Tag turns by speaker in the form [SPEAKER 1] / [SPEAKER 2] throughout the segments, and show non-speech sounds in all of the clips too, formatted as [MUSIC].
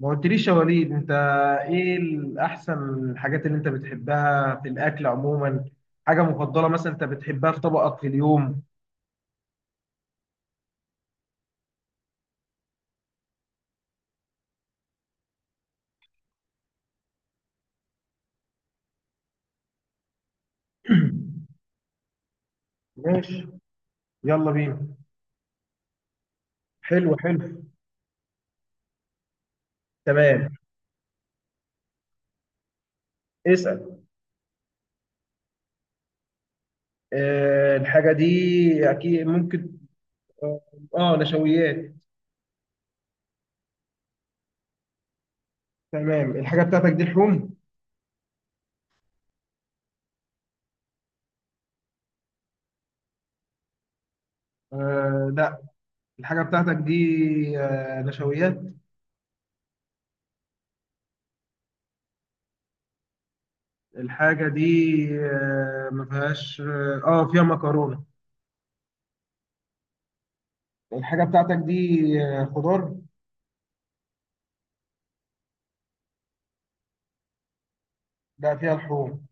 [SPEAKER 1] ما قلتليش يا وليد انت، ايه الاحسن الحاجات اللي انت بتحبها في الاكل عموما؟ حاجه مفضله مثلا انت بتحبها في طبقك في اليوم؟ [CLEARS THROAT] ماشي، يلا بينا. حلو حلو. تمام. اسال. اه الحاجه دي اكيد ممكن. اه، نشويات. تمام. الحاجه بتاعتك دي لحوم؟ آه لا. الحاجه بتاعتك دي نشويات. الحاجه دي ما فيهاش اه، فيها مكرونه. الحاجه بتاعتك دي خضار؟ لا فيها لحوم.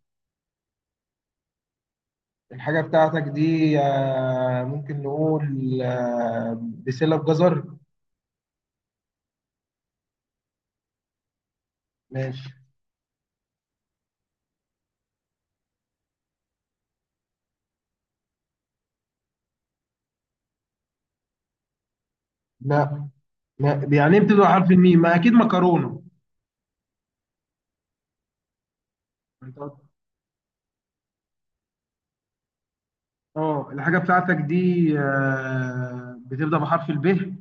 [SPEAKER 1] الحاجة بتاعتك دي ممكن نقول بسلة بجزر. ماشي. لا لا. يعني إيه بتبدأ حرف الميم؟ ما أكيد مكرونة. أنت قلت- اه الحاجة بتاعتك دي بتبدأ بحرف الب؟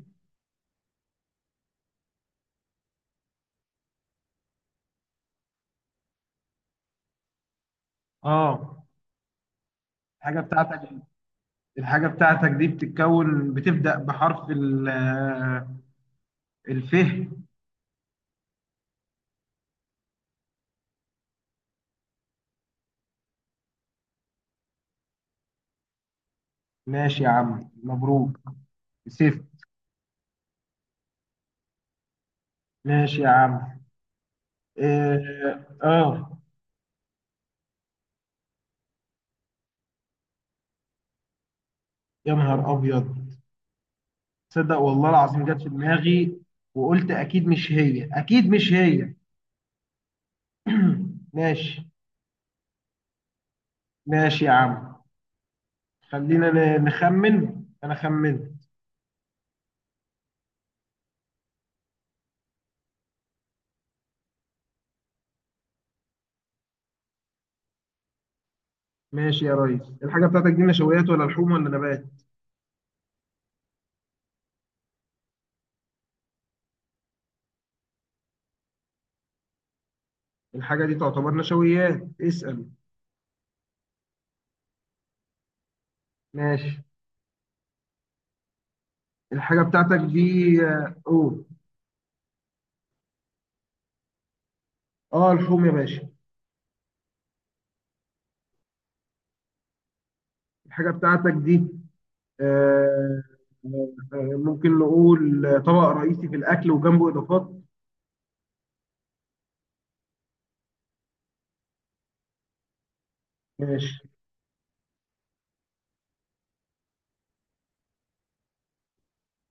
[SPEAKER 1] اه الحاجة بتاعتك. الحاجة بتاعتك دي بتبدأ بحرف ال الف. ماشي يا عم، مبروك سيف. ماشي يا عم. اه يا نهار أبيض، تصدق والله العظيم جت في دماغي وقلت اكيد مش هي، اكيد مش هي. [CLEARS THROAT] ماشي. ماشي يا عم. خلينا نخمن، انا خمنت. ماشي يا ريس، الحاجه بتاعتك دي نشويات ولا لحوم ولا نبات؟ الحاجه دي تعتبر نشويات. اسال. ماشي الحاجه بتاعتك دي قول. اه لحوم يا باشا. الحاجه بتاعتك دي آه، ممكن نقول طبق رئيسي في الاكل وجنبه اضافات؟ ماشي.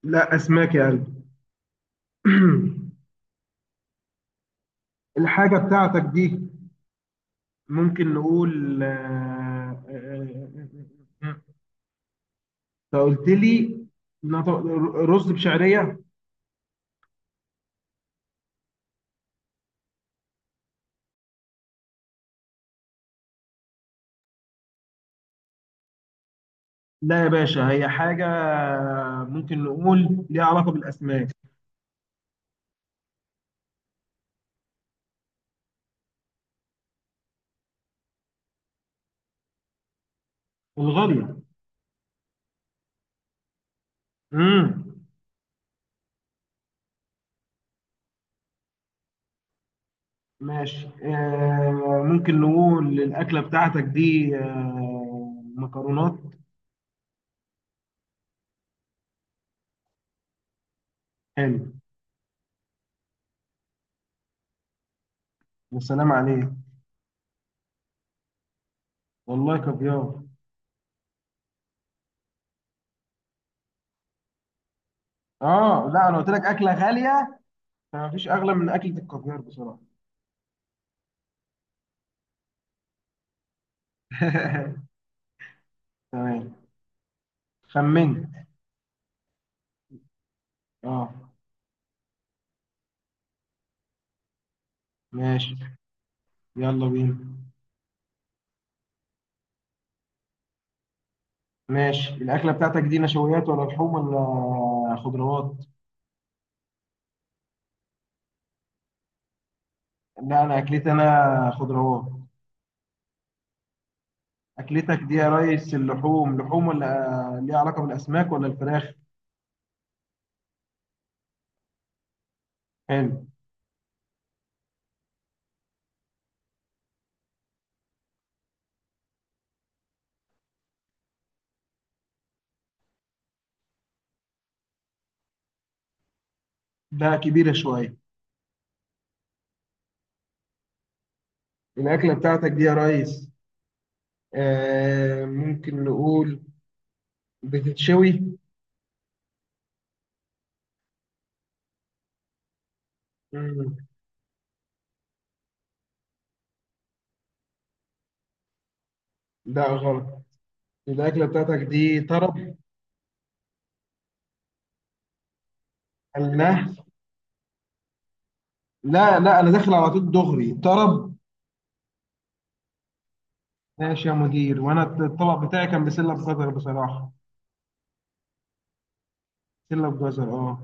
[SPEAKER 1] لا اسماك يا قلبي. [CLEARS THROAT] الحاجة بتاعتك دي ممكن نقول آه، انت قلت لي نط- رز بشعرية؟ لا يا باشا، هي حاجة ممكن نقول ليها علاقة بالأسماك. الغالية. امم. ماشي، آه ممكن نقول الأكلة بتاعتك دي آه مكرونات؟ حلو. والسلام عليك. والله كافيار. اه لا، انا قلت لك اكله غاليه، فمفيش اغلى من اكله الكافيار بصراحه. [LAUGHS] تمام، خمنت. اه. ماشي، يلا بينا. ماشي الأكلة بتاعتك دي نشويات ولا لحوم ولا خضروات؟ لا، أنا أكلتي أنا خضروات. أكلتك دي يا ريس اللحوم، لحوم ولا ليها علاقة بالأسماك ولا الفراخ؟ حلو ده. كبيرة شوية. الأكلة بتاعتك دي يا ريس آه ممكن نقول بتتشوي؟ مم. لا غلط. الأكلة بتاعتك دي طرب. النهر. لا لا، أنا داخل على طول دغري طرب. ماشي يا مدير، وانا الطبق بتاعي كان بسله بجزر بصراحه. بسله بجزر اه.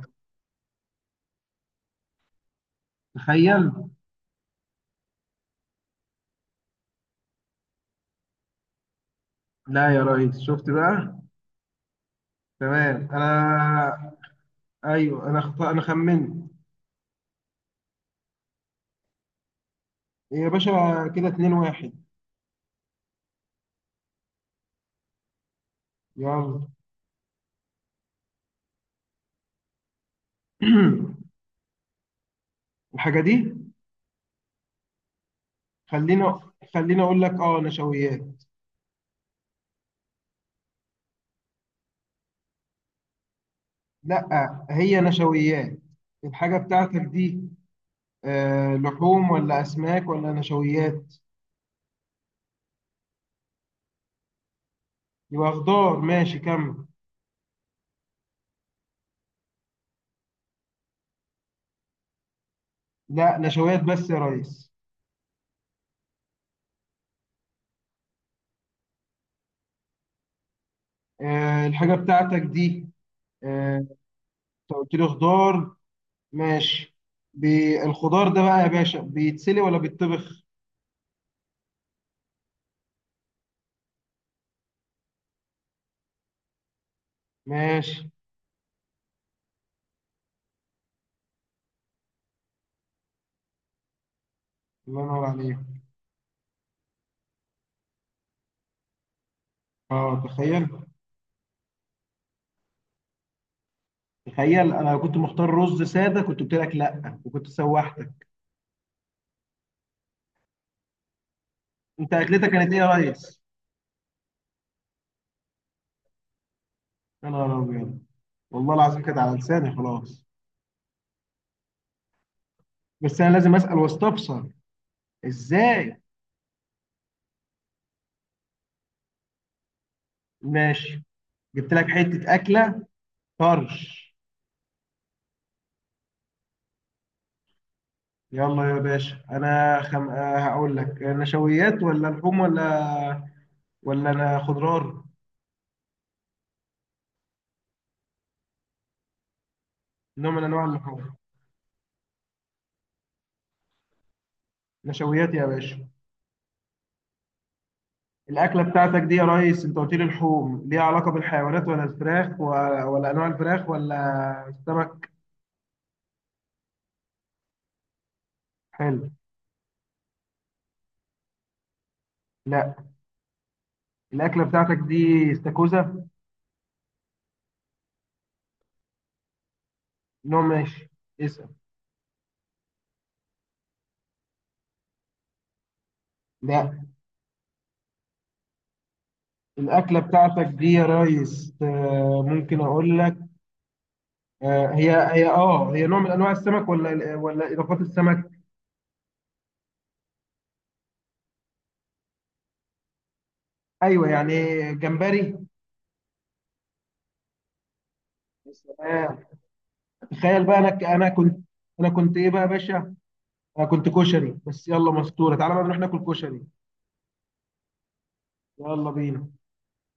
[SPEAKER 1] تخيل. لا يا ريس، شفت بقى. تمام انا. ايوه انا انا خمنت يا باشا. كده 2 1. يلا. [CLEARS THROAT] الحاجه دي، خلينا، خلينا اقول لك اه نشويات. لا هي نشويات. الحاجه بتاعتك دي آه لحوم ولا اسماك ولا نشويات؟ يبقى خضار، ماشي كمل. لا نشويات بس يا ريس. الحاجة بتاعتك دي آه، انت قلت لي خضار، ماشي. الخضار ده بقى يا باشا بيتسلي ولا بيتطبخ؟ ماشي. الله ينور عليك. اه تخيل. تخيل انا لو كنت مختار رز سادة كنت قلت لك لا وكنت سوحتك. انت اكلتك كانت ايه يا ريس؟ يا نهار ابيض، والله العظيم كانت على لساني خلاص. بس انا لازم اسال واستفسر، ازاي؟ ماشي. جبت لك حتة اكلة طرش. يلا يا باشا، انا خم... آه، هقول لك نشويات ولا لحوم ولا، ولا انا خضار؟ نوع من انواع اللحوم. نشويات يا باشا. الاكله بتاعتك دي يا ريس انت قلت لي لحوم، ليها علاقه بالحيوانات ولا الفراخ ولا, ولا انواع الفراخ ولا السمك؟ حلو. لا. الاكله بتاعتك دي استاكوزا؟ نوع. ماشي، اسال. لا. الاكله بتاعتك دي يا ريس ممكن اقول لك هي نوع من انواع السمك ولا اضافات السمك؟ ايوه يعني. جمبري. تمام. تخيل بقى انا انا كنت. انا كنت ايه بقى يا باشا؟ انا كنت كشري. بس يلا مستوره، تعالى بقى نروح ناكل كشري. يلا بينا.